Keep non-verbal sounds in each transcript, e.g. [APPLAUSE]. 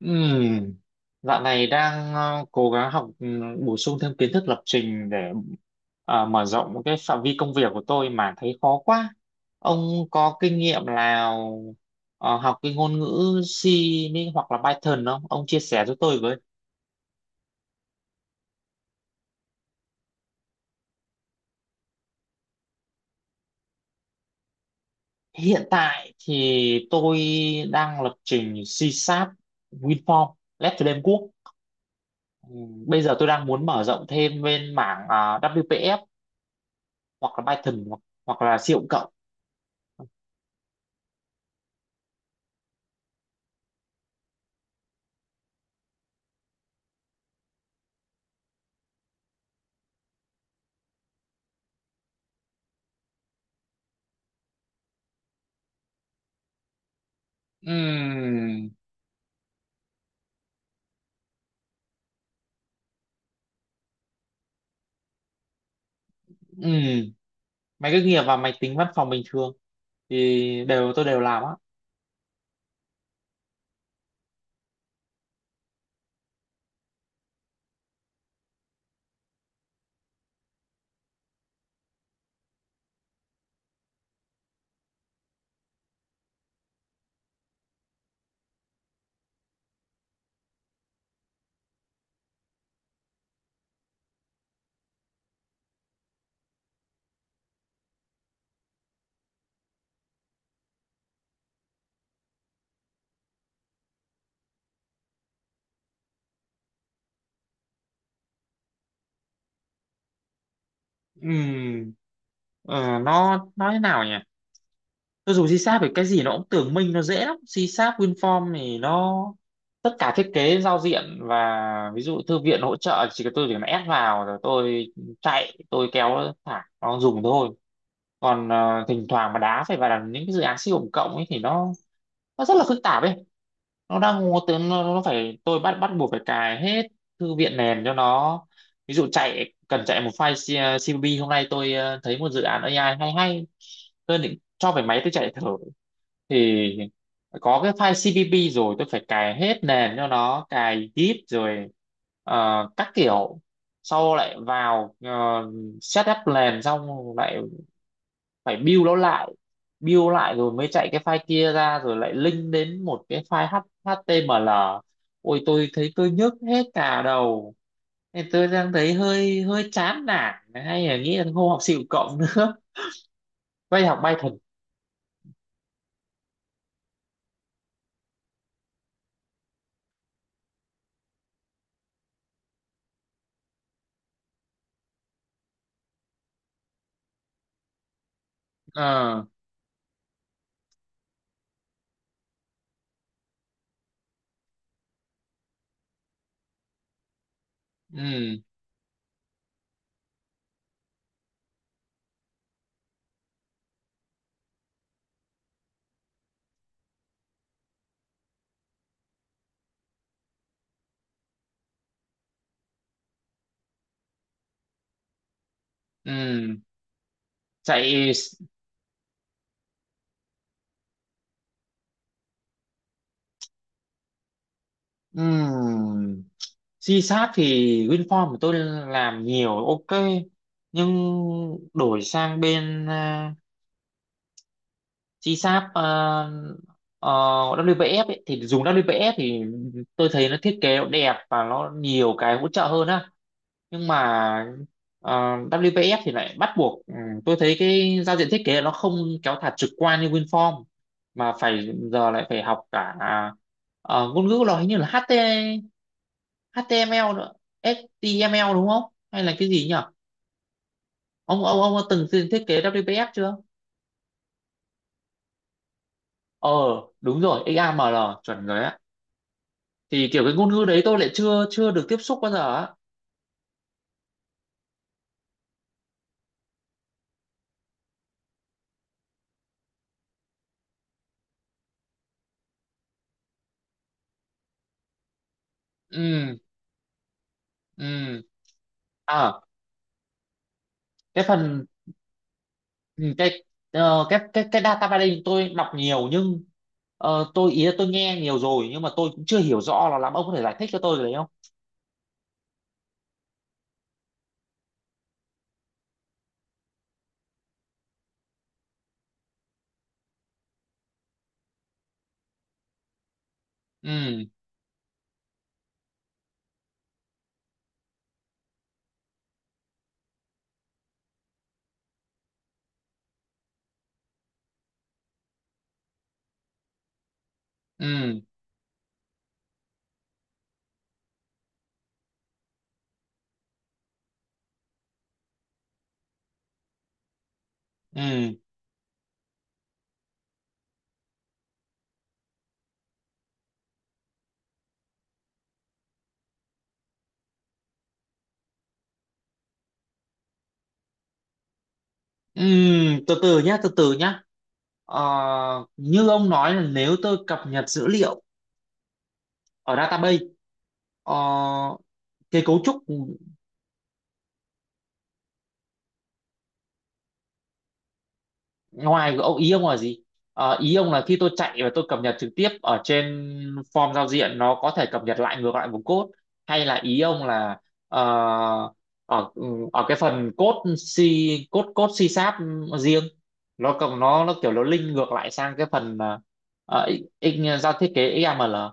Ừm, dạo này đang cố gắng học bổ sung thêm kiến thức lập trình để mở rộng cái phạm vi công việc của tôi mà thấy khó quá. Ông có kinh nghiệm nào học cái ngôn ngữ C mới hoặc là Python không? Ông chia sẻ cho tôi với. Hiện tại thì tôi đang lập trình C Sharp, WinForm, Left Framework. Quốc. Bây giờ tôi đang muốn mở rộng thêm bên mảng WPF hoặc là Python hoặc là C cộng cộng. Ừm, ừ máy cách nghiệp và máy tính văn phòng bình thường thì đều tôi đều làm á. Ừ. ờ, nó nói thế nào nhỉ, tôi dùng C Sharp thì cái gì nó cũng tưởng minh, nó dễ lắm. C Sharp WinForm thì nó tất cả thiết kế giao diện và ví dụ thư viện hỗ trợ, chỉ cần tôi chỉ cần ép vào rồi tôi chạy, tôi kéo thả nó dùng thôi. Còn thỉnh thoảng mà đá phải vào là những cái dự án siêu tổng cộng ấy thì nó rất là phức tạp ấy. Nó đang ngố tướng nó phải tôi bắt bắt buộc phải cài hết thư viện nền cho nó. Ví dụ chạy, cần chạy một file C- CVB, hôm nay tôi thấy một dự án A I hay hay, tôi định cho về máy tôi chạy thử thì có cái file CVB rồi tôi phải cài hết nền cho nó, cài git rồi các kiểu, sau lại vào setup nền xong lại phải build nó lại, build lại rồi mới chạy cái file kia ra, rồi lại link đến một cái file HTML. Ôi tôi thấy tôi nhức hết cả đầu, nên tôi đang thấy hơi hơi chán nản, hay là nghĩ là không học xịu cộng nữa. [LAUGHS] Quay học Python. ờ ừ ừ Chạy. Ừ, C Sharp thì WinForm của tôi làm nhiều, ok. Nhưng đổi sang bên GSAP WPF ấy, thì dùng WPF thì tôi thấy nó thiết kế nó đẹp và nó nhiều cái hỗ trợ hơn á. Nhưng mà WPF thì lại bắt buộc, tôi thấy cái giao diện thiết kế nó không kéo thả trực quan như WinForm, mà phải giờ lại phải học cả ngôn ngữ nó hình như là HTML nữa. HTML đúng không, hay là cái gì nhỉ? Ông đã từng thiết kế WPF chưa? Ờ, đúng rồi, XAML, chuẩn rồi á. Thì kiểu cái ngôn ngữ đấy tôi lại chưa chưa được tiếp xúc bao giờ á. Ừ, ừ, à, cái phần. Ừ, cái cái data mining tôi đọc nhiều, nhưng tôi ý là tôi nghe nhiều rồi, nhưng mà tôi cũng chưa hiểu rõ là lắm. Ông có thể giải thích cho tôi cái đấy không? Ừ, ừ, ừ, ừ, từ từ nhá, từ từ nhá. Ờ, như ông nói là nếu tôi cập nhật dữ liệu ở database, ờ, cái cấu trúc ngoài, ông ý ông là gì? Ờ, ý ông là khi tôi chạy và tôi cập nhật trực tiếp ở trên form giao diện, nó có thể cập nhật lại ngược lại vùng code, hay là ý ông là ờ, ở ừ, ở cái phần code C, code code C sharp riêng, nó cộng nó kiểu nó link ngược lại sang cái phần giao thiết kế XML.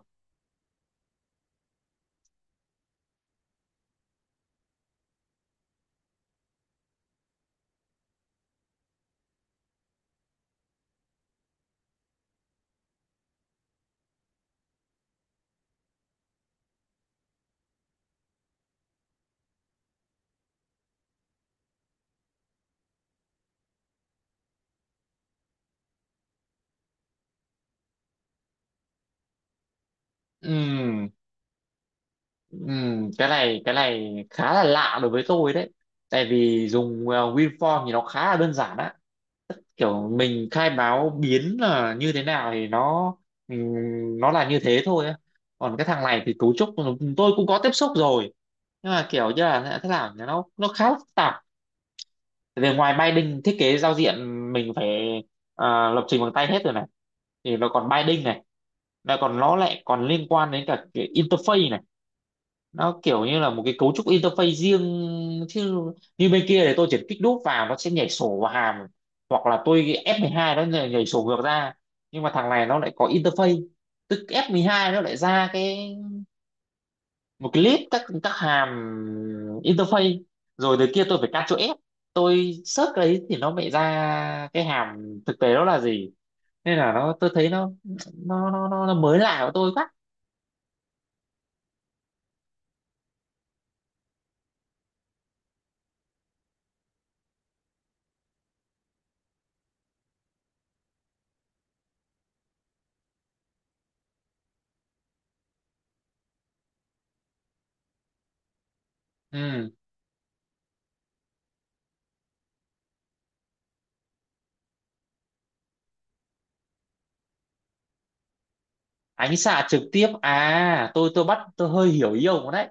Ừm, cái này khá là lạ đối với tôi đấy, tại vì dùng WinForm thì nó khá là đơn giản á, kiểu mình khai báo biến là như thế nào thì nó, nó là như thế thôi á. Còn cái thằng này thì cấu trúc tôi cũng có tiếp xúc rồi, nhưng mà kiểu như là thế nào nhỉ? Nó khá là phức tạp, về ngoài binding thiết kế giao diện mình phải à, lập trình bằng tay hết rồi này, thì nó còn binding này, nó lại còn liên quan đến cả cái interface này. Nó kiểu như là một cái cấu trúc interface riêng, chứ như bên kia thì tôi chỉ kích đúp vào nó sẽ nhảy sổ vào hàm, hoặc là tôi f hai nó nhảy sổ ngược ra. Nhưng mà thằng này nó lại có interface, tức f hai nó lại ra cái, một cái list các hàm interface, rồi từ kia tôi phải Ctrl F, tôi search cái đấy thì nó lại ra cái hàm thực tế đó là gì. Nên là tôi thấy nó mới lạ của tôi quá. Ừ, ánh xạ trực tiếp à, tôi hơi hiểu ý ông đấy.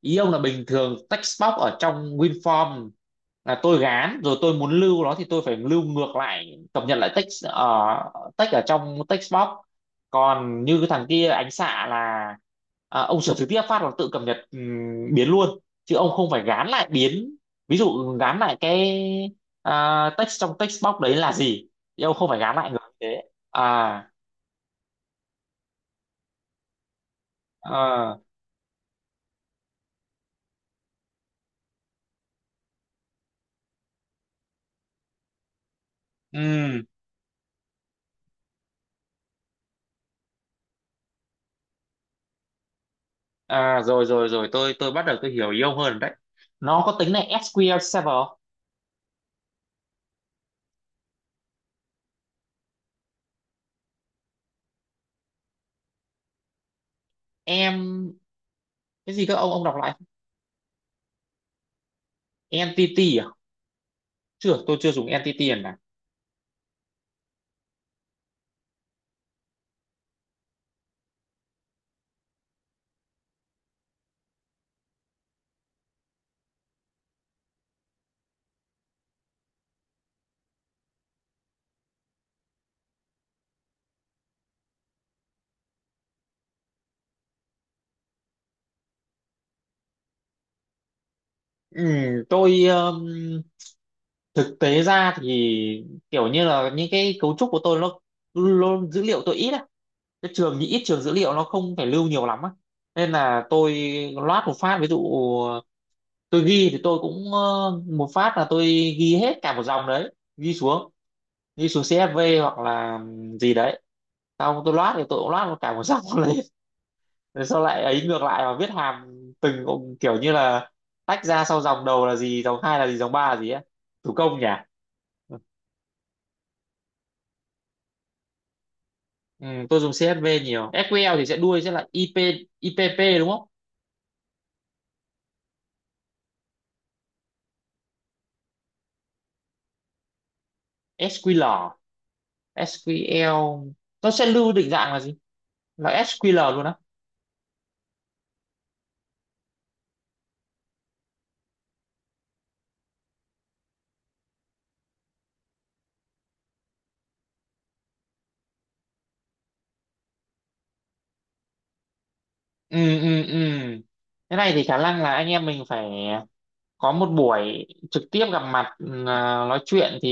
Ý ông là bình thường text box ở trong WinForm là tôi gán rồi, tôi muốn lưu nó thì tôi phải lưu ngược lại, cập nhật lại text text ở trong text box. Còn như cái thằng kia ánh xạ là à, ông sửa trực tiếp phát là tự cập nhật biến luôn, chứ ông không phải gán lại biến, ví dụ gán lại cái à, text trong text box đấy là gì, thì ông không phải gán lại ngược như thế. À, ờ, ừ. À rồi rồi rồi, tôi bắt đầu tôi hiểu yêu hơn đấy. Nó có tính này SQL Server không? Em cái gì, các ông đọc lại không? Entity à? Chưa, tôi chưa dùng entity lần này. Ừ, tôi thực tế ra thì kiểu như là những cái cấu trúc của tôi nó dữ liệu tôi ít á. Cái trường thì ít, trường dữ liệu nó không phải lưu nhiều lắm á. Nên là tôi loát một phát, ví dụ tôi ghi thì tôi cũng một phát là tôi ghi hết cả một dòng đấy, ghi xuống đi xuống CFV hoặc là gì đấy, xong tôi loát thì tôi cũng loát một cả một dòng [LAUGHS] lên, rồi sau lại ấy ngược lại và viết hàm từng, kiểu như là tách ra, sau dòng đầu là gì, dòng hai là gì, dòng ba là gì á, thủ công nhỉ. Ừ, tôi dùng CSV nhiều, SQL thì sẽ đuôi là IP, IPP đúng không? SQL, SQL nó sẽ lưu định dạng là gì, là SQL luôn á. Ừ, ừ, ừ, thế này thì khả năng là anh em mình phải có một buổi trực tiếp gặp mặt, nói chuyện thì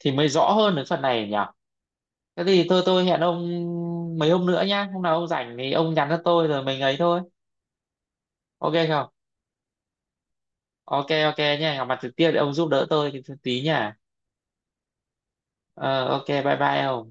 mới rõ hơn đến phần này nhỉ. Thế thì thôi, tôi hẹn ông mấy hôm nữa nhá, hôm nào ông rảnh thì ông nhắn cho tôi rồi mình ấy thôi, ok không? Ok ok nha, gặp mặt trực tiếp để ông giúp đỡ tôi tí nha. Ờ, ok, bye bye ông.